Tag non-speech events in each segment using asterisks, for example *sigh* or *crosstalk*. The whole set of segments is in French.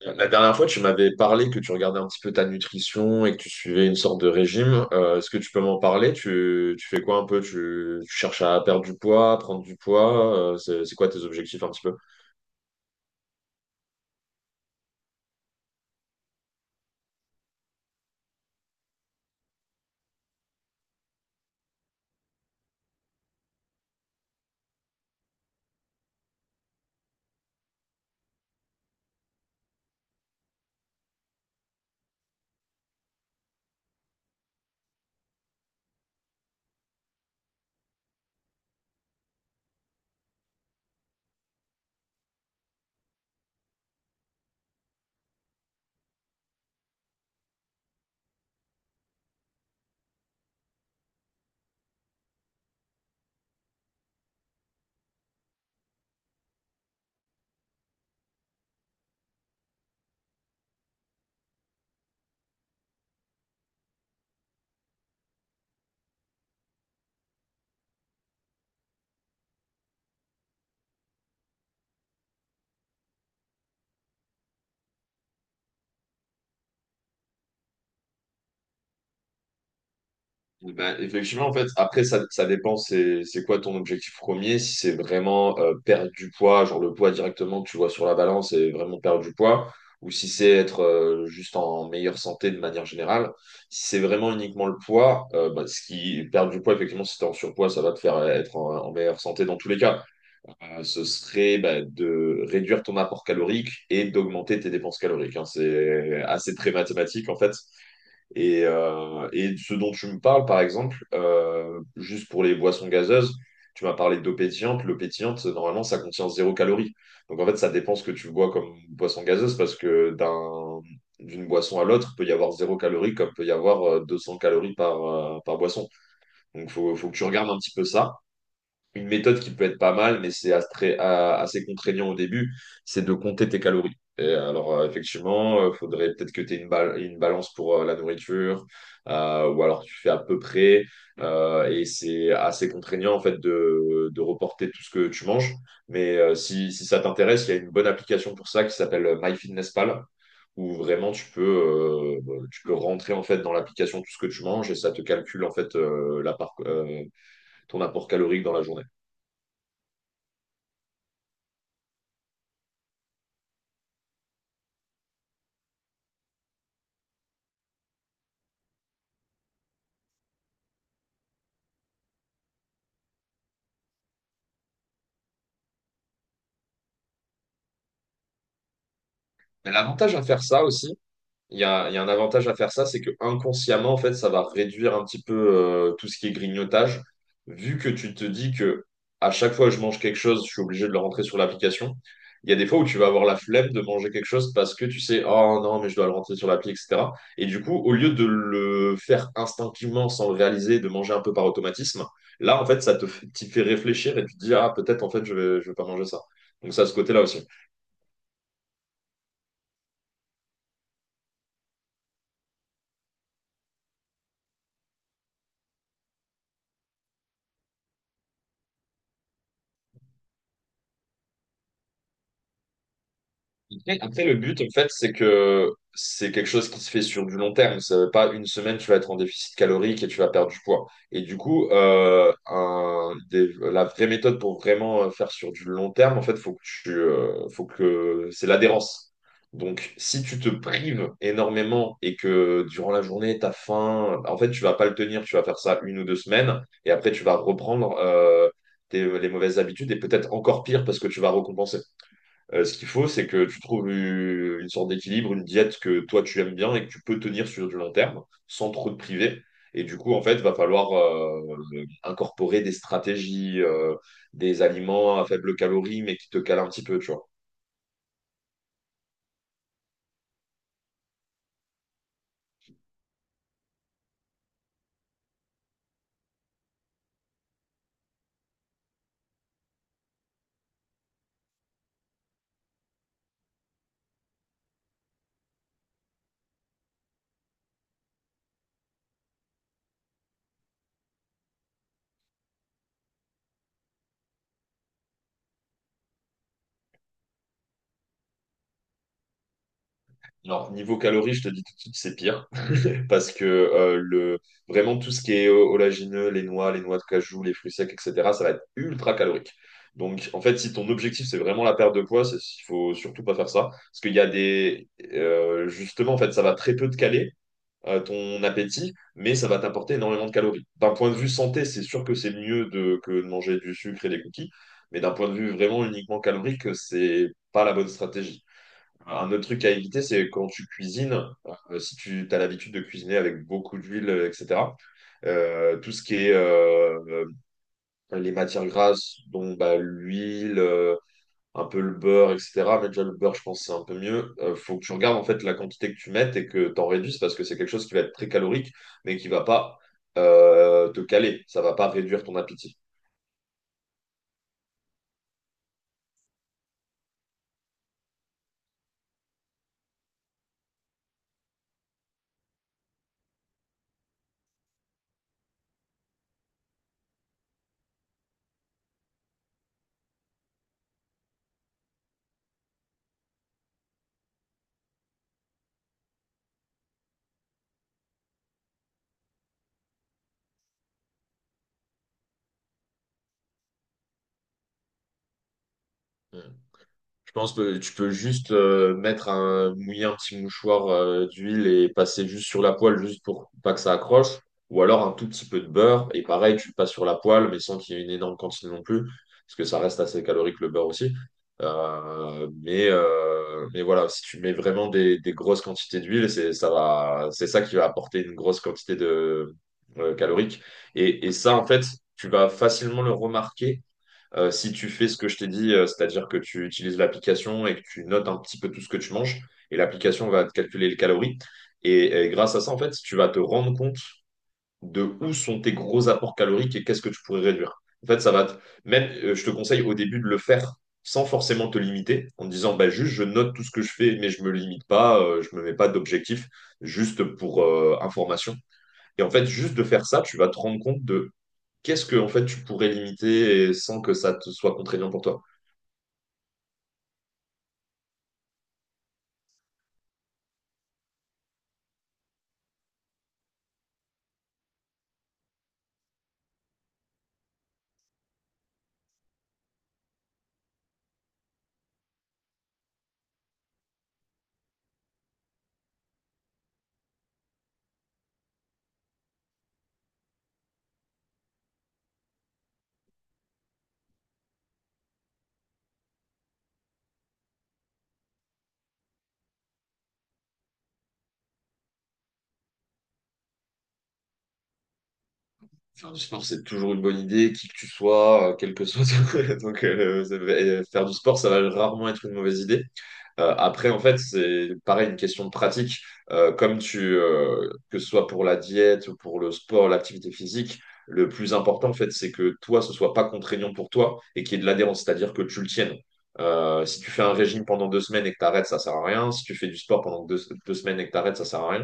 La dernière fois, tu m'avais parlé que tu regardais un petit peu ta nutrition et que tu suivais une sorte de régime. Est-ce que tu peux m'en parler? Tu fais quoi un peu? Tu cherches à perdre du poids, à prendre du poids? C'est quoi tes objectifs un petit peu? Eh ben, effectivement, en fait, après, ça dépend, c'est quoi ton objectif premier. Si c'est vraiment perdre du poids, genre le poids directement que tu vois sur la balance et vraiment perdre du poids, ou si c'est être juste en meilleure santé de manière générale. Si c'est vraiment uniquement le poids, ben, ce qui perdre du poids, effectivement, si t'es en surpoids, ça va te faire être en meilleure santé dans tous les cas. Ce serait ben, de réduire ton apport calorique et d'augmenter tes dépenses caloriques, hein. C'est assez très mathématique, en fait. Et ce dont tu me parles, par exemple, juste pour les boissons gazeuses, tu m'as parlé d'eau pétillante. L'eau pétillante, normalement, ça contient zéro calorie. Donc en fait, ça dépend ce que tu bois comme boisson gazeuse parce que d'une boisson à l'autre, il peut y avoir zéro calorie comme peut y avoir 200 calories par, par boisson. Donc il faut que tu regardes un petit peu ça. Une méthode qui peut être pas mal, mais c'est assez contraignant au début, c'est de compter tes calories. Et alors, effectivement, il faudrait peut-être que tu aies une balance pour la nourriture, ou alors tu fais à peu près, et c'est assez contraignant en fait de reporter tout ce que tu manges. Mais si, si ça t'intéresse, il y a une bonne application pour ça qui s'appelle MyFitnessPal, où vraiment tu peux rentrer en fait dans l'application tout ce que tu manges et ça te calcule en fait ton apport calorique dans la journée. Mais l'avantage à faire ça aussi, il y a un avantage à faire ça, c'est que inconsciemment, en fait, ça va réduire un petit peu tout ce qui est grignotage, vu que tu te dis que à chaque fois que je mange quelque chose, je suis obligé de le rentrer sur l'application. Il y a des fois où tu vas avoir la flemme de manger quelque chose parce que tu sais, oh non, mais je dois le rentrer sur l'appli, etc. Et du coup, au lieu de le faire instinctivement sans le réaliser, de manger un peu par automatisme, là, en fait, ça te fait, t'y fait réfléchir et tu te dis, ah, peut-être, en fait, je vais pas manger ça. Donc, ça, a ce côté-là aussi. Le but, en fait, c'est que c'est quelque chose qui se fait sur du long terme. Ça veut pas une semaine, tu vas être en déficit calorique et tu vas perdre du poids. Et du coup, la vraie méthode pour vraiment faire sur du long terme, en fait, faut que faut que c'est l'adhérence. Donc, si tu te prives énormément et que durant la journée, tu as faim, en fait, tu vas pas le tenir. Tu vas faire ça une ou deux semaines et après, tu vas reprendre les mauvaises habitudes et peut-être encore pire parce que tu vas récompenser. Ce qu'il faut, c'est que tu trouves une sorte d'équilibre, une diète que toi tu aimes bien et que tu peux tenir sur du long terme sans trop te priver. Et du coup, en fait, va falloir incorporer des stratégies, des aliments à faible calorie, mais qui te calent un petit peu, tu vois. Alors, niveau calories, je te dis tout de suite, c'est pire. *laughs* Parce que vraiment, tout ce qui est oléagineux, les noix de cajou, les fruits secs, etc., ça va être ultra calorique. Donc, en fait, si ton objectif, c'est vraiment la perte de poids, il faut surtout pas faire ça. Parce qu'il y a des. Justement, en fait, ça va très peu te caler ton appétit, mais ça va t'apporter énormément de calories. D'un point de vue santé, c'est sûr que c'est mieux que de manger du sucre et des cookies. Mais d'un point de vue vraiment uniquement calorique, c'est pas la bonne stratégie. Un autre truc à éviter, c'est quand tu cuisines, si tu as l'habitude de cuisiner avec beaucoup d'huile, etc., tout ce qui est les matières grasses, dont bah, l'huile, un peu le beurre, etc., mais déjà le beurre, je pense que c'est un peu mieux, faut que tu regardes en fait la quantité que tu mettes et que tu en réduises parce que c'est quelque chose qui va être très calorique, mais qui va pas te caler, ça va pas réduire ton appétit. Je pense que tu peux juste mettre un, mouiller un petit mouchoir d'huile et passer juste sur la poêle juste pour pas que ça accroche. Ou alors un tout petit peu de beurre. Et pareil, tu le passes sur la poêle, mais sans qu'il y ait une énorme quantité non plus, parce que ça reste assez calorique le beurre aussi. Mais voilà, si tu mets vraiment des grosses quantités d'huile, c'est ça qui va apporter une grosse quantité de calorique. Et ça, en fait, tu vas facilement le remarquer si tu fais ce que je t'ai dit, c'est-à-dire que tu utilises l'application et que tu notes un petit peu tout ce que tu manges, et l'application va te calculer les calories. Et grâce à ça, en fait, tu vas te rendre compte de où sont tes gros apports caloriques et qu'est-ce que tu pourrais réduire. En fait, ça va te... Même, je te conseille au début de le faire sans forcément te limiter, en te disant, bah, juste, je note tout ce que je fais, mais je me limite pas, je me mets pas d'objectif, juste pour information. Et en fait, juste de faire ça, tu vas te rendre compte de qu'est-ce que, en fait, tu pourrais limiter et sans que ça te soit contraignant pour toi. Faire du sport, c'est toujours une bonne idée, qui que tu sois, quel que soit. *laughs* Donc, ça va- et faire du sport, ça va rarement être une mauvaise idée. Après, en fait, c'est pareil, une question de pratique. Que ce soit pour la diète, ou pour le sport, l'activité physique, le plus important, en fait, c'est que toi, ce soit pas contraignant pour toi et qu'il y ait de l'adhérence, c'est-à-dire que tu le tiennes. Si tu fais un régime pendant 2 semaines et que tu arrêtes, ça sert à rien. Si tu fais du sport pendant 2 semaines et que tu arrêtes, ça sert à rien.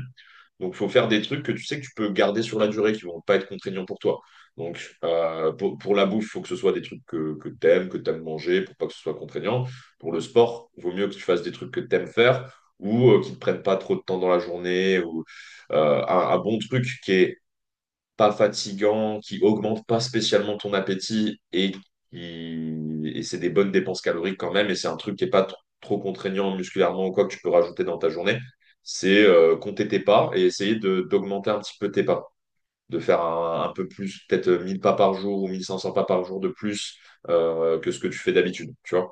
Donc, il faut faire des trucs que tu sais que tu peux garder sur la durée, qui vont pas être contraignants pour toi. Donc, pour la bouffe, il faut que ce soit des trucs que tu aimes manger, pour pas que ce soit contraignant pour le sport, il vaut mieux que tu fasses des trucs que tu aimes faire ou qui ne te prennent pas trop de temps dans la journée ou un bon truc qui est pas fatigant, qui augmente pas spécialement ton appétit et c'est des bonnes dépenses caloriques quand même et c'est un truc qui est pas tr- trop contraignant musculairement ou quoi que tu peux rajouter dans ta journée, c'est compter tes pas et essayer de d'augmenter un petit peu tes pas, de faire un peu plus, peut-être 1000 pas par jour ou 1500 pas par jour de plus que ce que tu fais d'habitude, tu vois.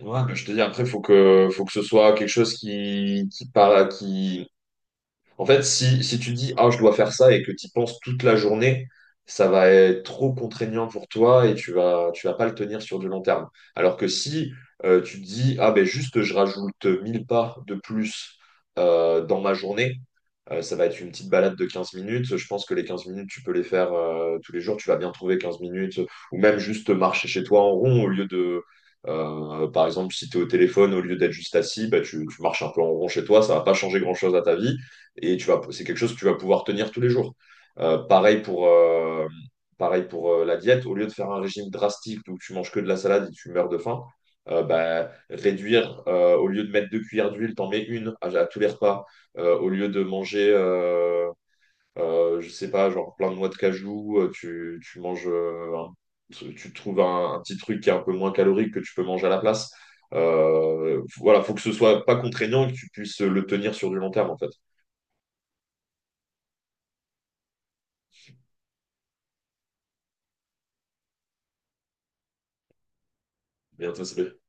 Ouais, mais je te dis, après, faut faut que ce soit quelque chose en fait, si, si tu dis, ah, je dois faire ça et que tu y penses toute la journée, ça va être trop contraignant pour toi et tu vas pas le tenir sur du long terme. Alors que si tu te dis, ah, ben juste, je rajoute 1000 pas de plus dans ma journée, ça va être une petite balade de 15 minutes. Je pense que les 15 minutes, tu peux les faire tous les jours. Tu vas bien trouver 15 minutes ou même juste marcher chez toi en rond au lieu de. Par exemple, si tu es au téléphone, au lieu d'être juste assis, bah, tu marches un peu en rond chez toi, ça va pas changer grand-chose à ta vie et tu vas, c'est quelque chose que tu vas pouvoir tenir tous les jours. Euh, pareil pour, euh, pareil pour la diète, au lieu de faire un régime drastique où tu manges que de la salade et tu meurs de faim, bah, réduire, au lieu de mettre 2 cuillères d'huile, t'en mets une à tous les repas. Au lieu de manger, je sais pas, genre plein de noix de cajou, tu manges, tu trouves un petit truc qui est un peu moins calorique que tu peux manger à la place. Voilà, faut que ce soit pas contraignant et que tu puisses le tenir sur du long terme en fait. Bien, ça, c'est-